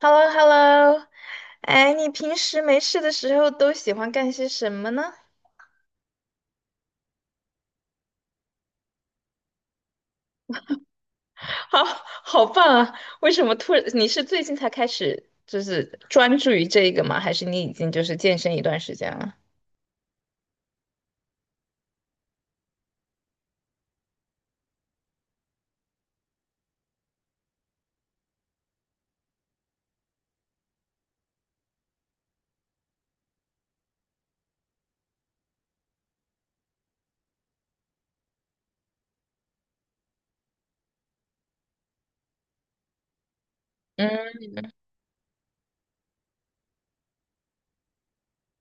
h e l l o Hello 哎，你平时没事的时候都喜欢干些什么呢？好，好棒啊！为什么突然？你是最近才开始就是专注于这个吗？还是你已经就是健身一段时间了？嗯。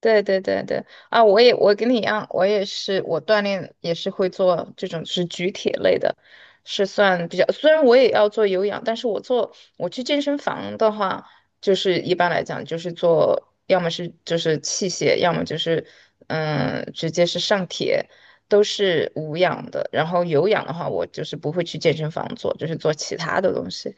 对对对对啊！我跟你一样，我锻炼也是会做这种是举铁类的，是算比较。虽然我也要做有氧，但是我做我去健身房的话，就是一般来讲就是做，要么是就是器械，要么就是嗯直接是上铁，都是无氧的。然后有氧的话，我就是不会去健身房做，就是做其他的东西。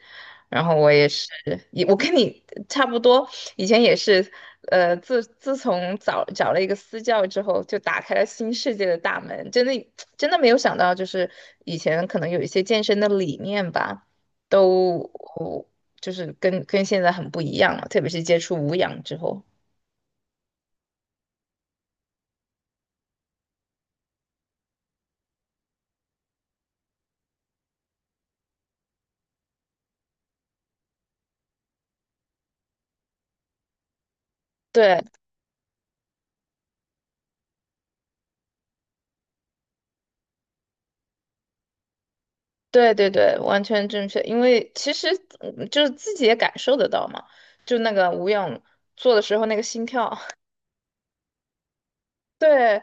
然后我也是，也我跟你差不多，以前也是，自从找了一个私教之后，就打开了新世界的大门。真的，真的没有想到，就是以前可能有一些健身的理念吧，都就是跟现在很不一样了，特别是接触无氧之后。对对对对，完全正确。因为其实嗯就是自己也感受得到嘛，就那个无氧做的时候那个心跳，对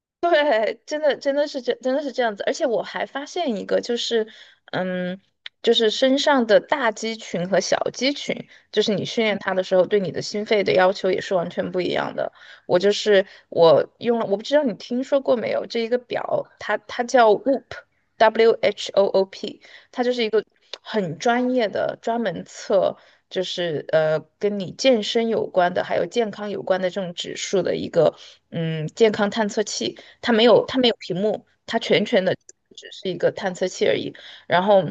对，真的是这样子，而且我还发现一个，就是嗯，就是身上的大肌群和小肌群，就是你训练它的时候，对你的心肺的要求也是完全不一样的。我就是我用了，我不知道你听说过没有，这一个表，它叫 Whoop，W H O O P，它就是一个很专业的，专门测。就是跟你健身有关的，还有健康有关的这种指数的一个，嗯，健康探测器。它没有屏幕，它全的只是一个探测器而已。然后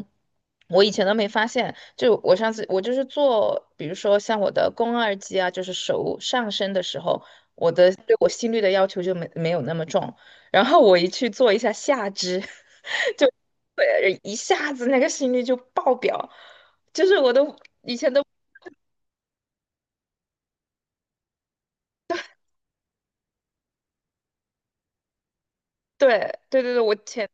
我以前都没发现，就我上次我就是做，比如说像我的肱二肌啊，就是手上伸的时候，我的对我心率的要求就没有那么重。然后我一去做一下下肢，就对一下子那个心率就爆表，就是我都以前都对对对对，我前。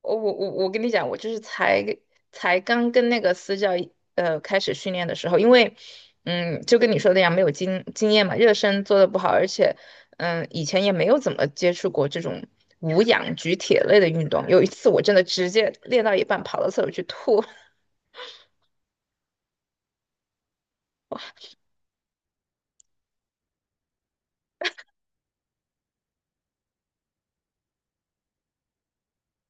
我跟你讲，我就是才刚跟那个私教开始训练的时候，因为嗯，就跟你说的一样，没有经验嘛，热身做的不好，而且嗯，以前也没有怎么接触过这种无氧举铁类的运动。有一次我真的直接练到一半跑到厕所去吐，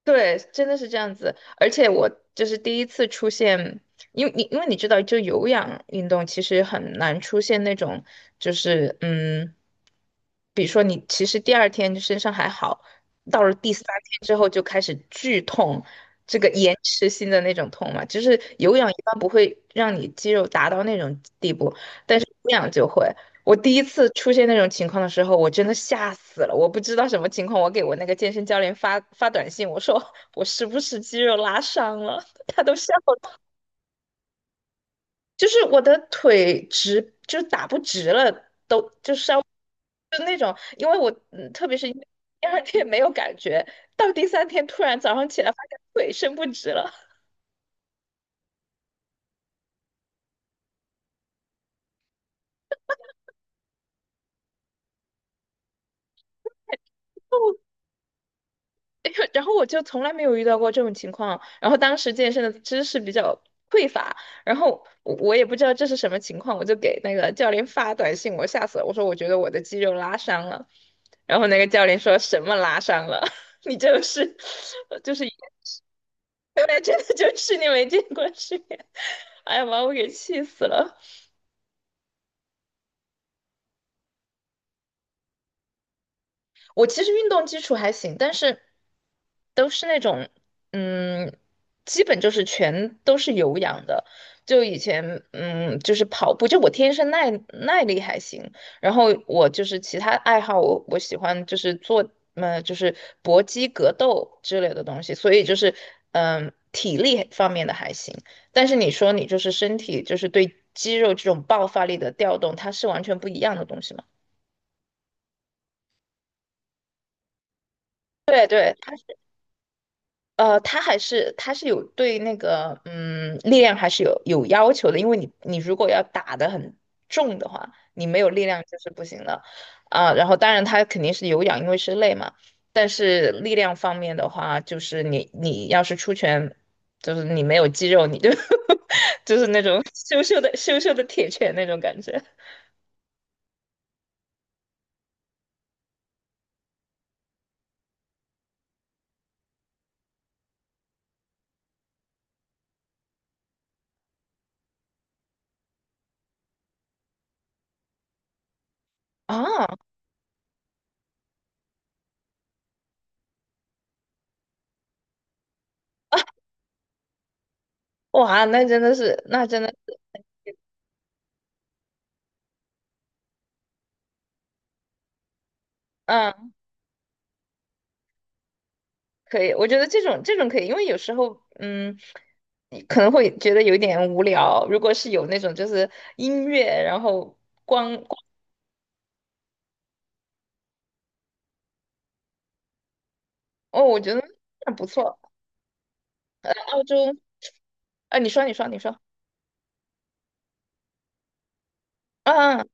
对，真的是这样子。而且我就是第一次出现，因为你知道，就有氧运动其实很难出现那种，就是嗯，比如说你其实第二天身上还好，到了第三天之后就开始剧痛，这个延迟性的那种痛嘛，就是有氧一般不会让你肌肉达到那种地步，但是无氧就会。我第一次出现那种情况的时候，我真的吓死了。我不知道什么情况，我给我那个健身教练发短信，我说我是不是肌肉拉伤了？他都笑了就是我的腿直，就是打不直了那种。因为我，嗯，特别是因为第二天没有感觉，到第三天突然早上起来发现腿伸不直了，然后我就从来没有遇到过这种情况，然后当时健身的知识比较匮乏，然后我也不知道这是什么情况，我就给那个教练发短信，我吓死了，我说我觉得我的肌肉拉伤了，然后那个教练说什么拉伤了，你就是 就是原来真的就是你没见过世面，哎呀把我给气死了。我其实运动基础还行，但是都是那种，嗯，基本就是全都是有氧的。就以前，嗯，就是跑步，就我天生耐力还行，然后我就是其他爱好我，我喜欢就是做，就是搏击、格斗之类的东西，所以就是，嗯，体力方面的还行。但是你说你就是身体，就是对肌肉这种爆发力的调动，它是完全不一样的东西嘛？对对，他还是他是有对那个嗯力量还是有要求的，因为你如果要打得很重的话，你没有力量就是不行的啊。然后当然他肯定是有氧，因为是累嘛。但是力量方面的话，就是你要是出拳，就是你没有肌肉，你就 就是那种羞羞的铁拳那种感觉啊！哇，那真的是那真的是。嗯可以，我觉得这种这种可以，因为有时候，嗯，你可能会觉得有点无聊。如果是有那种就是音乐，然后光哦，我觉得那不错。澳洲，啊，你说，你说，你说，啊，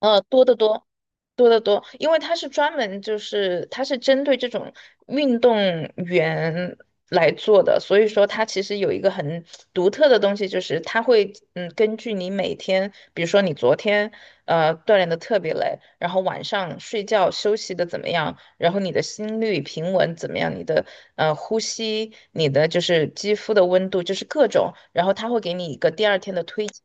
多得多，多得多，因为它是专门就是它是针对这种运动员来做的，所以说它其实有一个很独特的东西，就是它会嗯根据你每天，比如说你昨天。锻炼的特别累，然后晚上睡觉休息的怎么样，然后你的心率平稳怎么样，你的呼吸，你的就是肌肤的温度，就是各种，然后他会给你一个第二天的推荐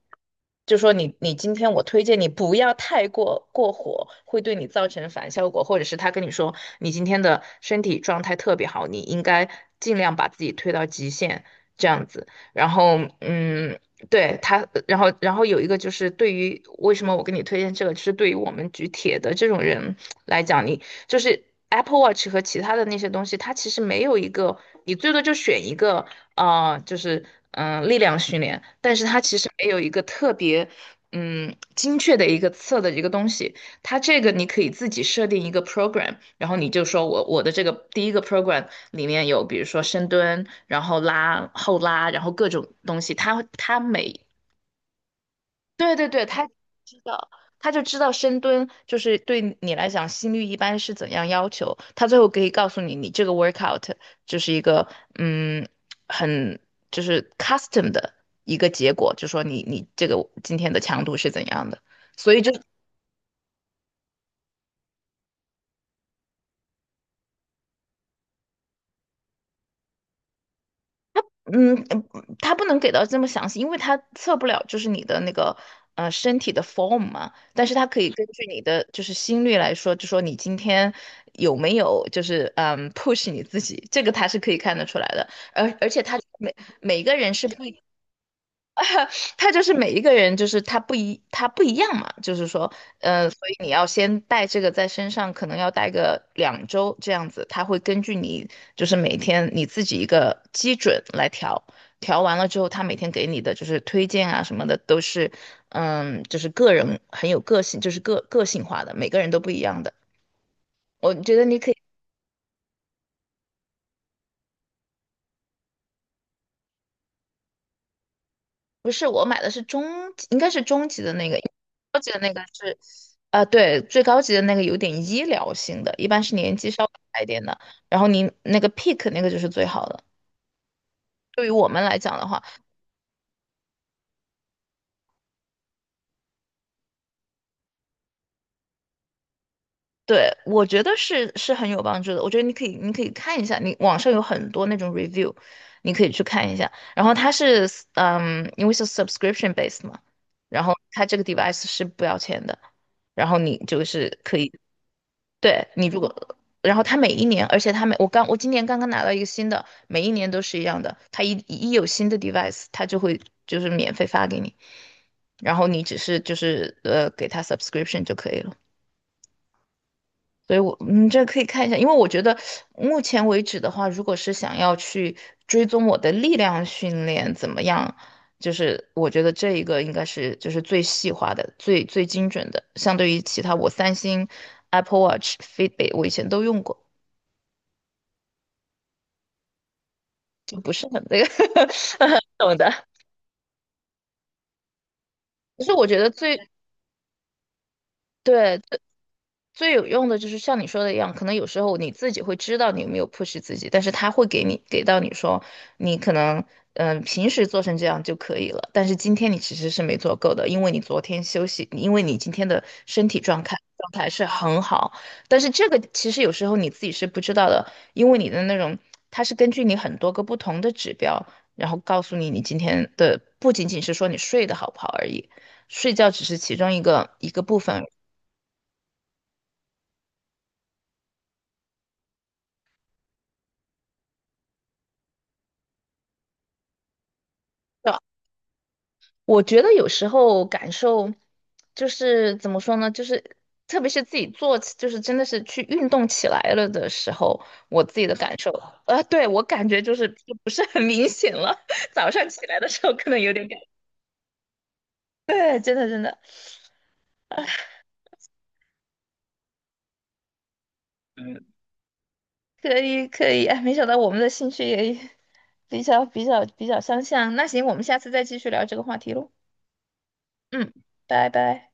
就说你你今天我推荐你不要太过火，会对你造成反效果，或者是他跟你说你今天的身体状态特别好，你应该尽量把自己推到极限这样子。然后，嗯，对他，然后有一个就是对于为什么我给你推荐这个，就是对于我们举铁的这种人来讲，你就是 Apple Watch 和其他的那些东西，它其实没有一个，你最多就选一个，啊，就是嗯、力量训练，但是它其实没有一个特别嗯精确的一个测的一个东西，它这个你可以自己设定一个 program，然后你就说我的这个第一个 program 里面有比如说深蹲，然后拉、后拉，然后各种东西。他他每对对对，他知道，他就知道深蹲就是对你来讲心率一般是怎样要求。他最后可以告诉你，你这个 workout 就是一个嗯很就是 custom 的一个结果，就说你你这个今天的强度是怎样的。所以就嗯，嗯它不能给到这么详细，因为它测不了就是你的那个身体的 form 嘛，但是它可以根据你的就是心率来说，就说你今天有没有就是嗯 push 你自己，这个它是可以看得出来的，而且它每个人是不一。他就是每一个人，就是他不一，他不一样嘛，就是说，嗯，所以你要先带这个在身上，可能要带个两周这样子，他会根据你就是每天你自己一个基准来调，调完了之后，他每天给你的就是推荐啊什么的都是，嗯，就是个人很有个性，就是个性化的，每个人都不一样的。我觉得你可以，不是我买的是中级，应该是中级的那个，高级的那个是。啊，对，最高级的那个有点医疗性的，一般是年纪稍微大一点的，然后您那个 pick 那个就是最好的。对于我们来讲的话，对，我觉得是很有帮助的。我觉得你可以，你可以看一下，你网上有很多那种 review，你可以去看一下。然后它是，嗯，因为是 subscription base 嘛，然后它这个 device 是不要钱的，然后你就是可以。对你如果，然后他每一年，而且他每我刚我今年刚刚拿到一个新的，每一年都是一样的，他一有新的 device，他就会就是免费发给你，然后你只是就是给他 subscription 就可以了。所以我，你这可以看一下，因为我觉得目前为止的话，如果是想要去追踪我的力量训练怎么样，就是我觉得这一个应该是就是最细化的、最精准的，相对于其他我三星、Apple Watch、Fitbit，我以前都用过。就不是很那个 懂的。其实我觉得最对最有用的就是像你说的一样，可能有时候你自己会知道你有没有 push 自己，但是他会给你给到你说，你可能嗯、平时做成这样就可以了，但是今天你其实是没做够的，因为你昨天休息，因为你今天的身体状态是很好，但是这个其实有时候你自己是不知道的，因为你的那种它是根据你很多个不同的指标，然后告诉你你今天的不仅仅是说你睡得好不好而已，睡觉只是其中一个部分。我觉得有时候感受就是怎么说呢，就是特别是自己做起，就是真的是去运动起来了的时候，我自己的感受，对，我感觉就是就不是很明显了。早上起来的时候可能有点感觉，对，真的真的嗯，可以可以，哎，没想到我们的兴趣也比较相像。那行，我们下次再继续聊这个话题喽。嗯，拜拜。